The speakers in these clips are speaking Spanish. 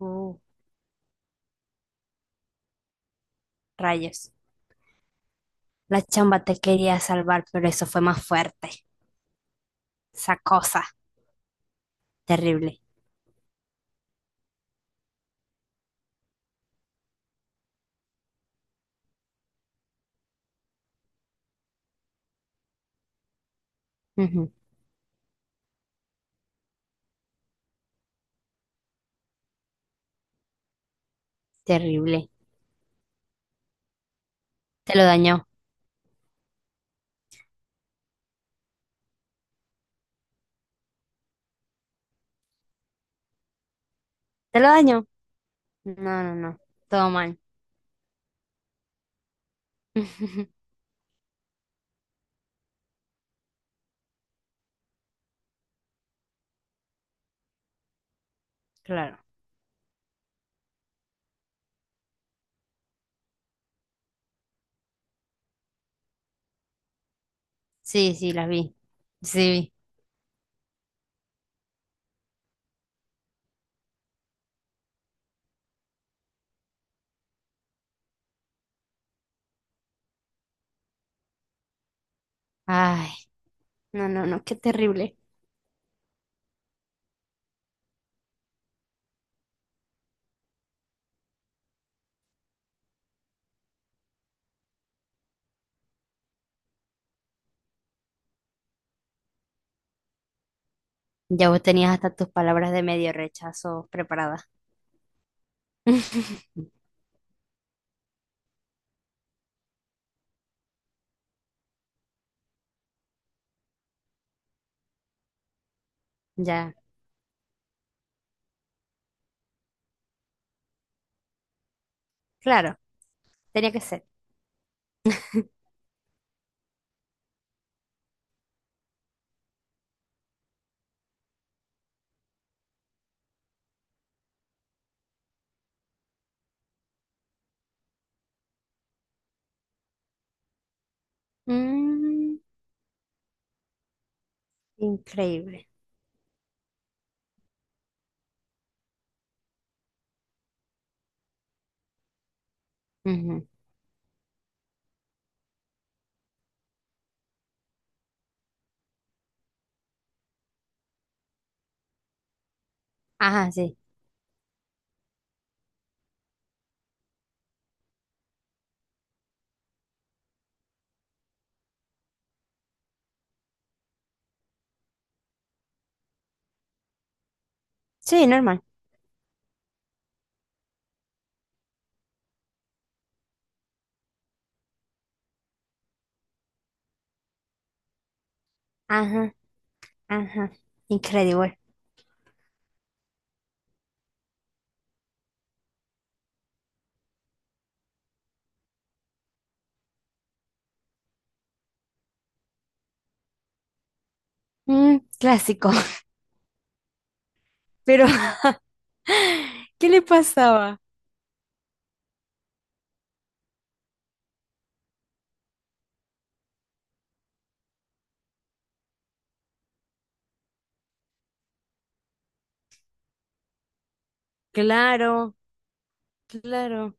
Uh, Rayos. La chamba te quería salvar, pero eso fue más fuerte. Esa cosa. Terrible. Ujú. Terrible. Te lo dañó. ¿Te lo dañó? No, no, no. Todo mal. Claro. Sí, sí, las vi. Sí, vi. Ay, no, no, no. Qué terrible. Ya vos tenías hasta tus palabras de medio rechazo preparadas. Ya. Claro. Tenía que ser. Mm, Increíble. Ujú. Ajá, sí. Sí, normal. Ajá. Ajá, increíble. Clásico. Pero, ¿qué le pasaba? Claro, claro.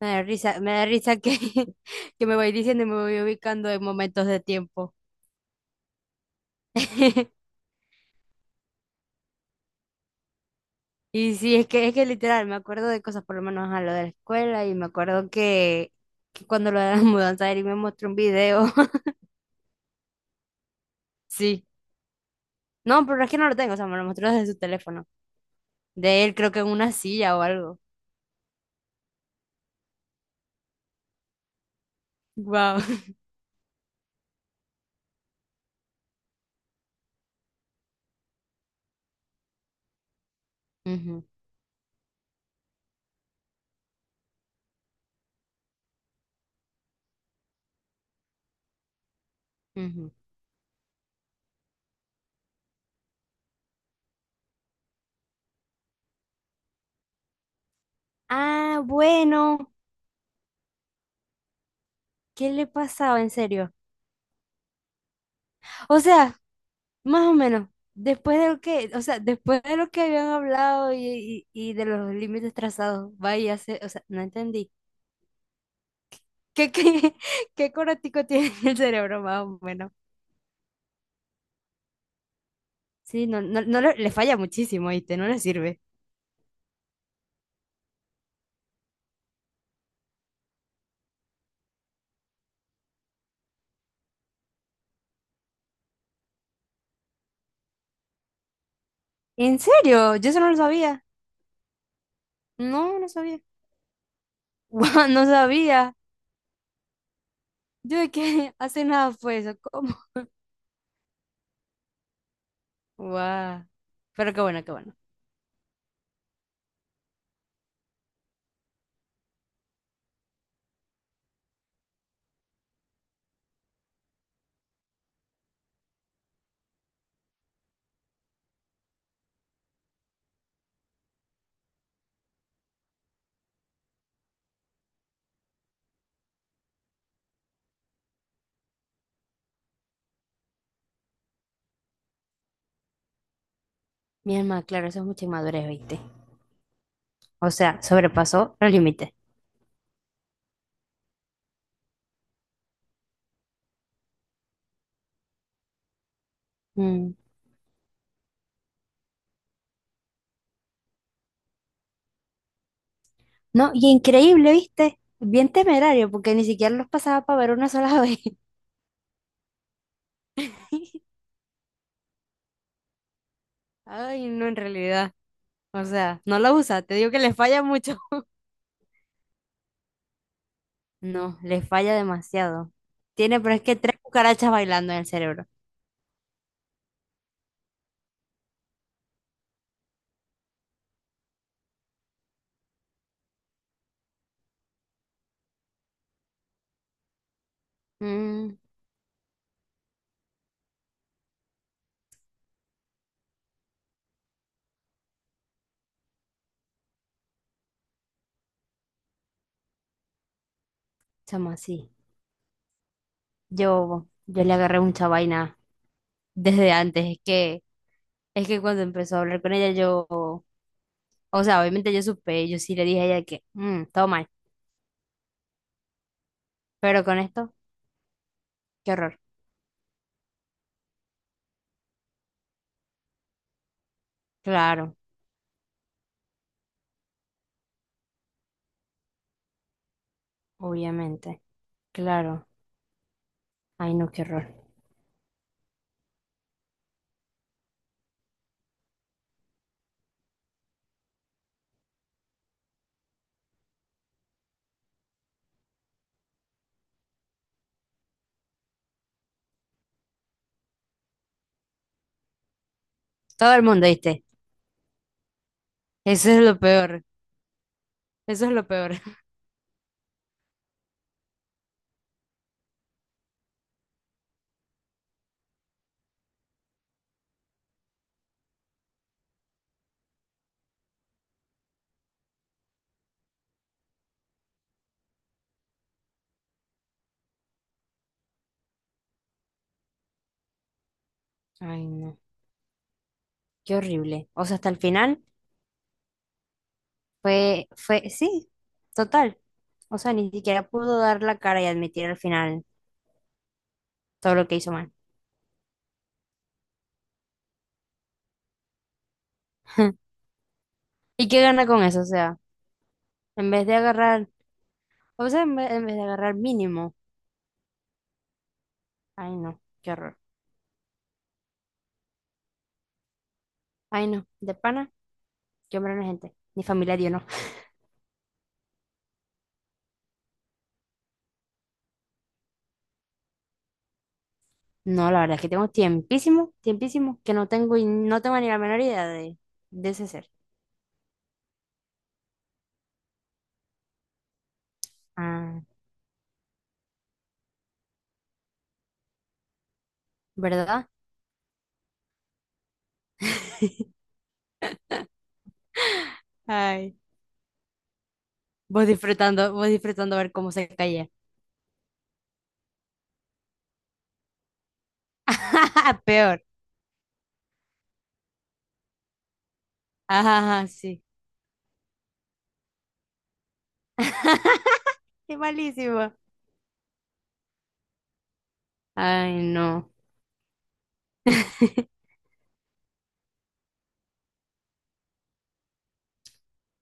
Me da risa que, que me voy diciendo y me voy ubicando en momentos de tiempo. Y sí, es que literal, me acuerdo de cosas, por lo menos a lo de la escuela, y me acuerdo que cuando lo de la mudanza, Eric me mostró un video. Sí. No, pero es que no lo tengo, o sea, me lo mostró desde su teléfono. De él, creo que en una silla o algo. Wow. Ah, bueno, ¿qué le pasaba en serio? O sea, más o menos, después de lo que, o sea, después de lo que habían hablado y de los límites trazados, vaya, o sea, no entendí. ¿Qué, qué, qué coratico tiene el cerebro, más o menos? Sí, no, no, no le falla muchísimo, ¿viste? No le sirve. ¿En serio? Yo eso no lo sabía. No, no sabía. Guau, no sabía. Yo de que hace nada fue eso, ¿cómo? Guau. Pero qué bueno, qué bueno. Mi alma, claro, eso es mucha inmadurez, ¿viste? O sea, sobrepasó los límites. Mm. No, y increíble, ¿viste? Bien temerario, porque ni siquiera los pasaba para ver una sola vez. Ay, no, en realidad. O sea, no lo usa, te digo que le falla mucho. No, le falla demasiado. Tiene, pero es que tres cucarachas bailando en el cerebro. Mm, Chamo, sí. Yo le agarré mucha vaina desde antes. Es que cuando empezó a hablar con ella, yo, o sea, obviamente yo supe, yo sí le dije a ella que, todo mal. Pero con esto, qué horror. Claro. Obviamente, claro. Ay, no, qué horror. Todo el mundo, ¿viste? Eso es lo peor. Eso es lo peor. Ay, no. Qué horrible. O sea, hasta el final fue, sí, total. O sea, ni siquiera pudo dar la cara y admitir al final todo lo que hizo mal. ¿Y qué gana con eso? O sea, en vez de agarrar, o sea, en vez, de agarrar mínimo. Ay, no, qué horror. Ay, no, de pana, yo hombre no gente. Mi familia dio no. No, la verdad es que tengo tiempísimo, tiempísimo, que no tengo y no tengo ni la menor idea de ese ser. Ah, ¿verdad? Ay, vos disfrutando, vos disfrutando ver cómo se caía. Peor. Ajá, ajá, sí. Qué malísimo. Ay, no.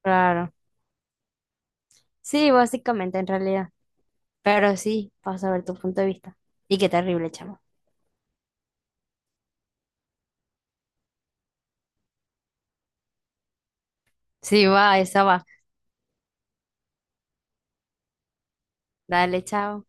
Claro. Sí, básicamente, en realidad. Pero sí, vas a ver tu punto de vista. Y qué terrible, chamo. Sí, va, esa va. Dale, chao.